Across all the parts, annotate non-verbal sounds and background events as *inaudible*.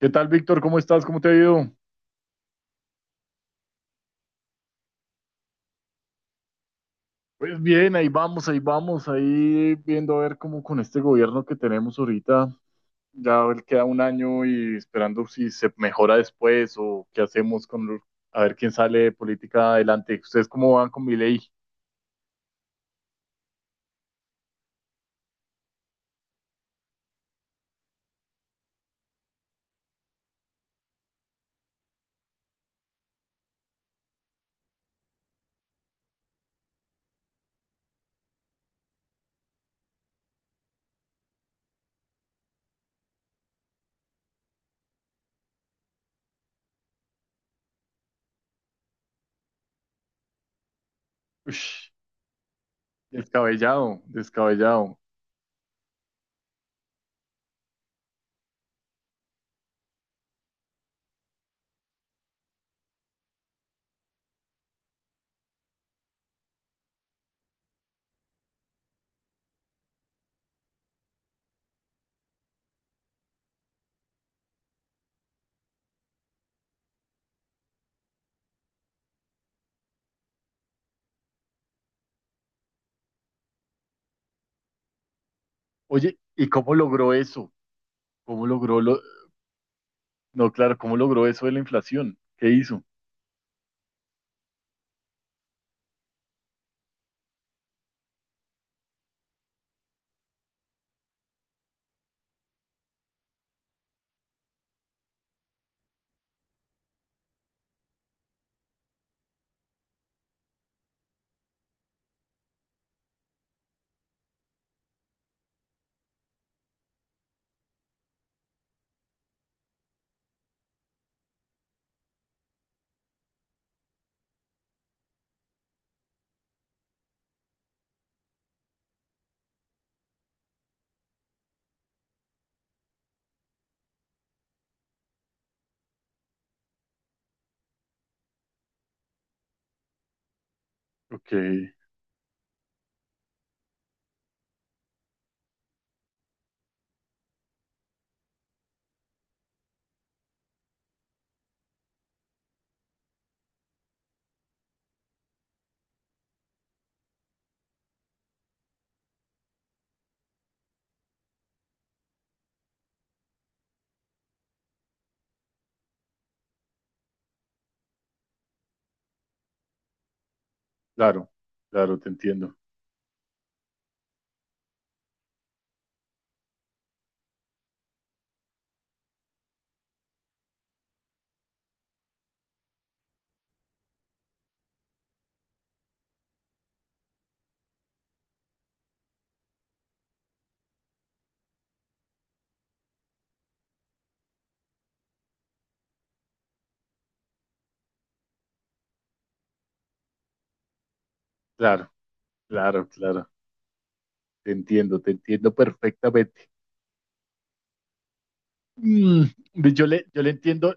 ¿Qué tal, Víctor? ¿Cómo estás? ¿Cómo te ha ido? Pues bien, ahí vamos, ahí vamos, ahí viendo a ver cómo con este gobierno que tenemos ahorita, ya a ver, queda un año y esperando si se mejora después o qué hacemos a ver quién sale de política adelante. ¿Ustedes cómo van con mi ley? Descabellado, descabellado. Oye, ¿y cómo logró eso? ¿Cómo logró lo... No, claro, ¿cómo logró eso de la inflación? ¿Qué hizo? Ok, claro, claro, te entiendo. Claro, claro, claro, te entiendo perfectamente. Mm, yo le entiendo,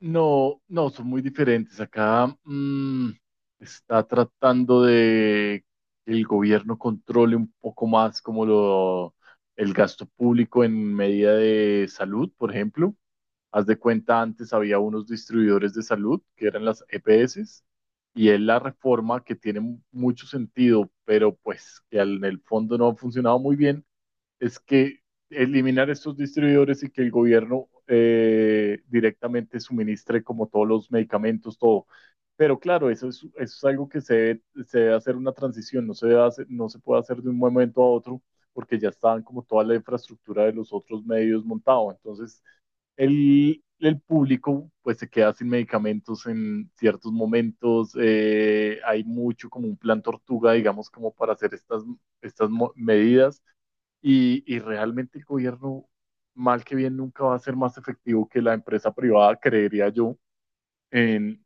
no, no, son muy diferentes. Acá mm, está tratando de que el gobierno controle un poco más el gasto público en medida de salud, por ejemplo. Haz de cuenta, antes había unos distribuidores de salud que eran las EPS, y es la reforma que tiene mucho sentido, pero pues en el fondo no ha funcionado muy bien, es que eliminar estos distribuidores y que el gobierno directamente suministre como todos los medicamentos, todo. Pero claro, eso es algo que se debe hacer una transición, no se puede hacer de un momento a otro porque ya estaban como toda la infraestructura de los otros medios montado. Entonces, el público pues se queda sin medicamentos en ciertos momentos. Hay mucho como un plan tortuga, digamos, como para hacer medidas y realmente el gobierno, mal que bien, nunca va a ser más efectivo que la empresa privada, creería yo, en,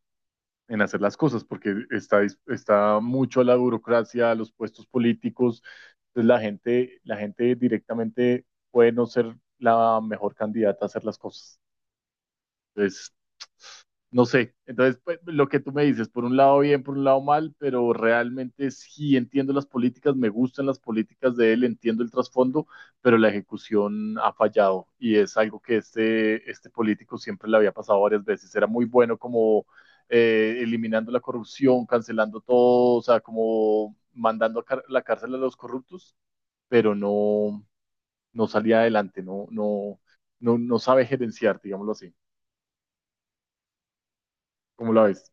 en hacer las cosas, porque está mucho a la burocracia, a los puestos políticos, entonces la gente directamente puede no ser la mejor candidata a hacer las cosas. Entonces, no sé, entonces pues, lo que tú me dices, por un lado bien, por un lado mal, pero realmente sí entiendo las políticas, me gustan las políticas de él, entiendo el trasfondo, pero la ejecución ha fallado y es algo que este político siempre le había pasado varias veces. Era muy bueno como eliminando la corrupción, cancelando todo, o sea, como la cárcel a los corruptos, pero no, no salía adelante, no, no, no, no sabe gerenciar, digámoslo así. ¿Cómo la ves?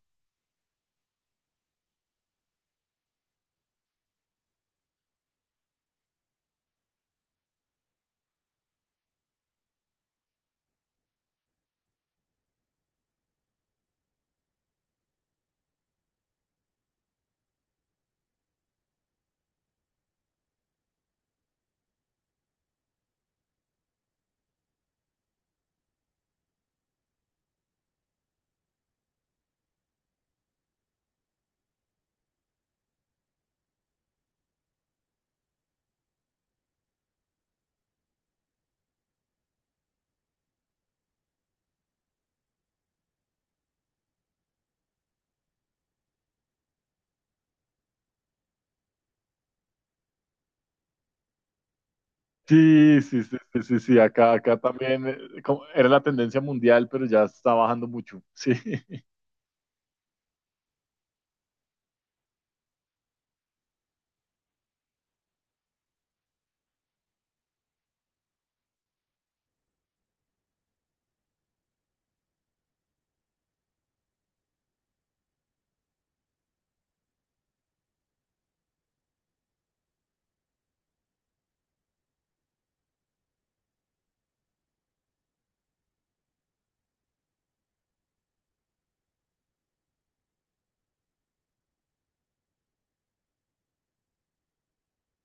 Sí, sí, sí, sí, sí, sí, acá, acá también era la tendencia mundial, pero ya está bajando mucho. Sí, *laughs*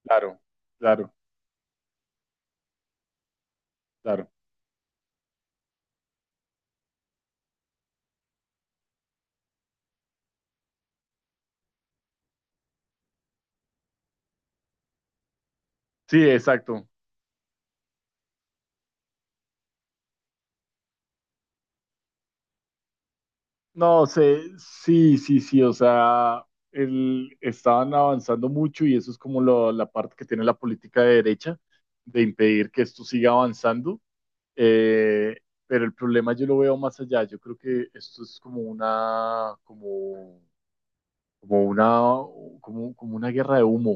claro, claro, claro. Sí, exacto. No sé, sí, sí, sí, o sea, el, estaban avanzando mucho y eso es la parte que tiene la política de derecha, de impedir que esto siga avanzando. Eh, pero el problema yo lo veo más allá. Yo creo que esto es como una, como una guerra de humo.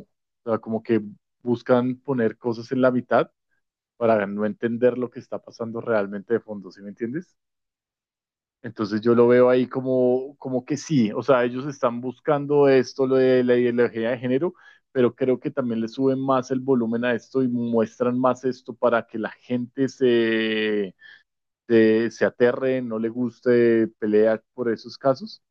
O sea, como que buscan poner cosas en la mitad para no entender lo que está pasando realmente de fondo, ¿sí me entiendes? Entonces yo lo veo ahí como, como que sí, o sea, ellos están buscando esto, lo de la ideología de género, pero creo que también le suben más el volumen a esto y muestran más esto para que se aterre, no le guste, pelea por esos casos,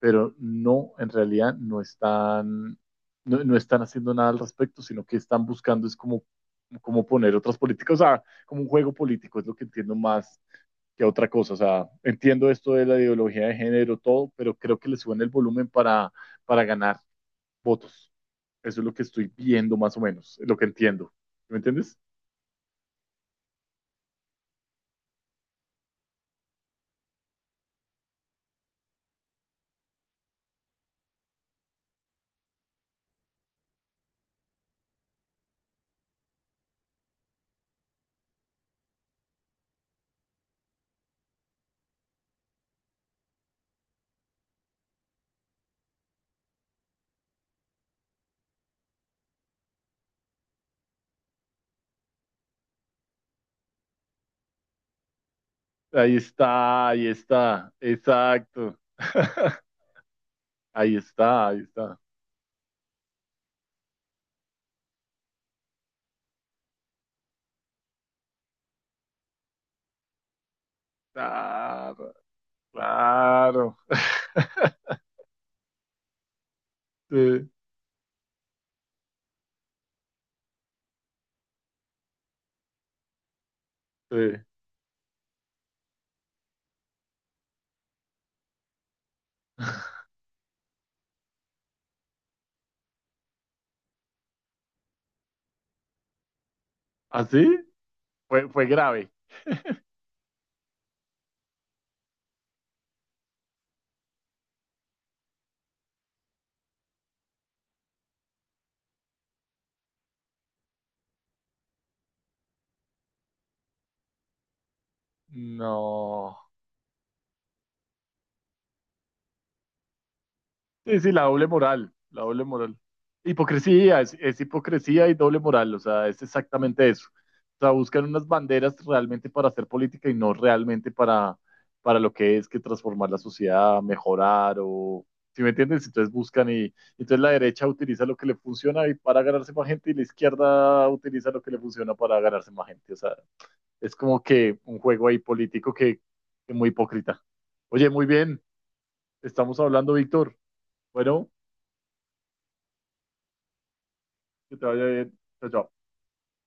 pero no, en realidad no están, no, no están haciendo nada al respecto, sino que están buscando es como, como poner otras políticas, o sea, como un juego político, es lo que entiendo más que otra cosa, o sea, entiendo esto de la ideología de género, todo, pero creo que le suben el volumen para ganar votos. Eso es lo que estoy viendo más o menos, es lo que entiendo. ¿Me entiendes? Ahí está, exacto. *laughs* Ahí está, ahí está. Claro, claro. *laughs* Sí, ¿ah, sí? ¿Así? Fue, fue grave. No. Sí, sí, la doble moral, la doble moral. Hipocresía, es hipocresía y doble moral, o sea, es exactamente eso. O sea, buscan unas banderas realmente para hacer política y no realmente para lo que es que transformar la sociedad, mejorar o... ¿Sí me entiendes? Entonces buscan y entonces la derecha utiliza lo que le funciona y para ganarse más gente y la izquierda utiliza lo que le funciona para ganarse más gente. O sea, es como que un juego ahí político que muy hipócrita. Oye, muy bien, estamos hablando, Víctor. Bueno. Que te vaya bien. Chao, chao.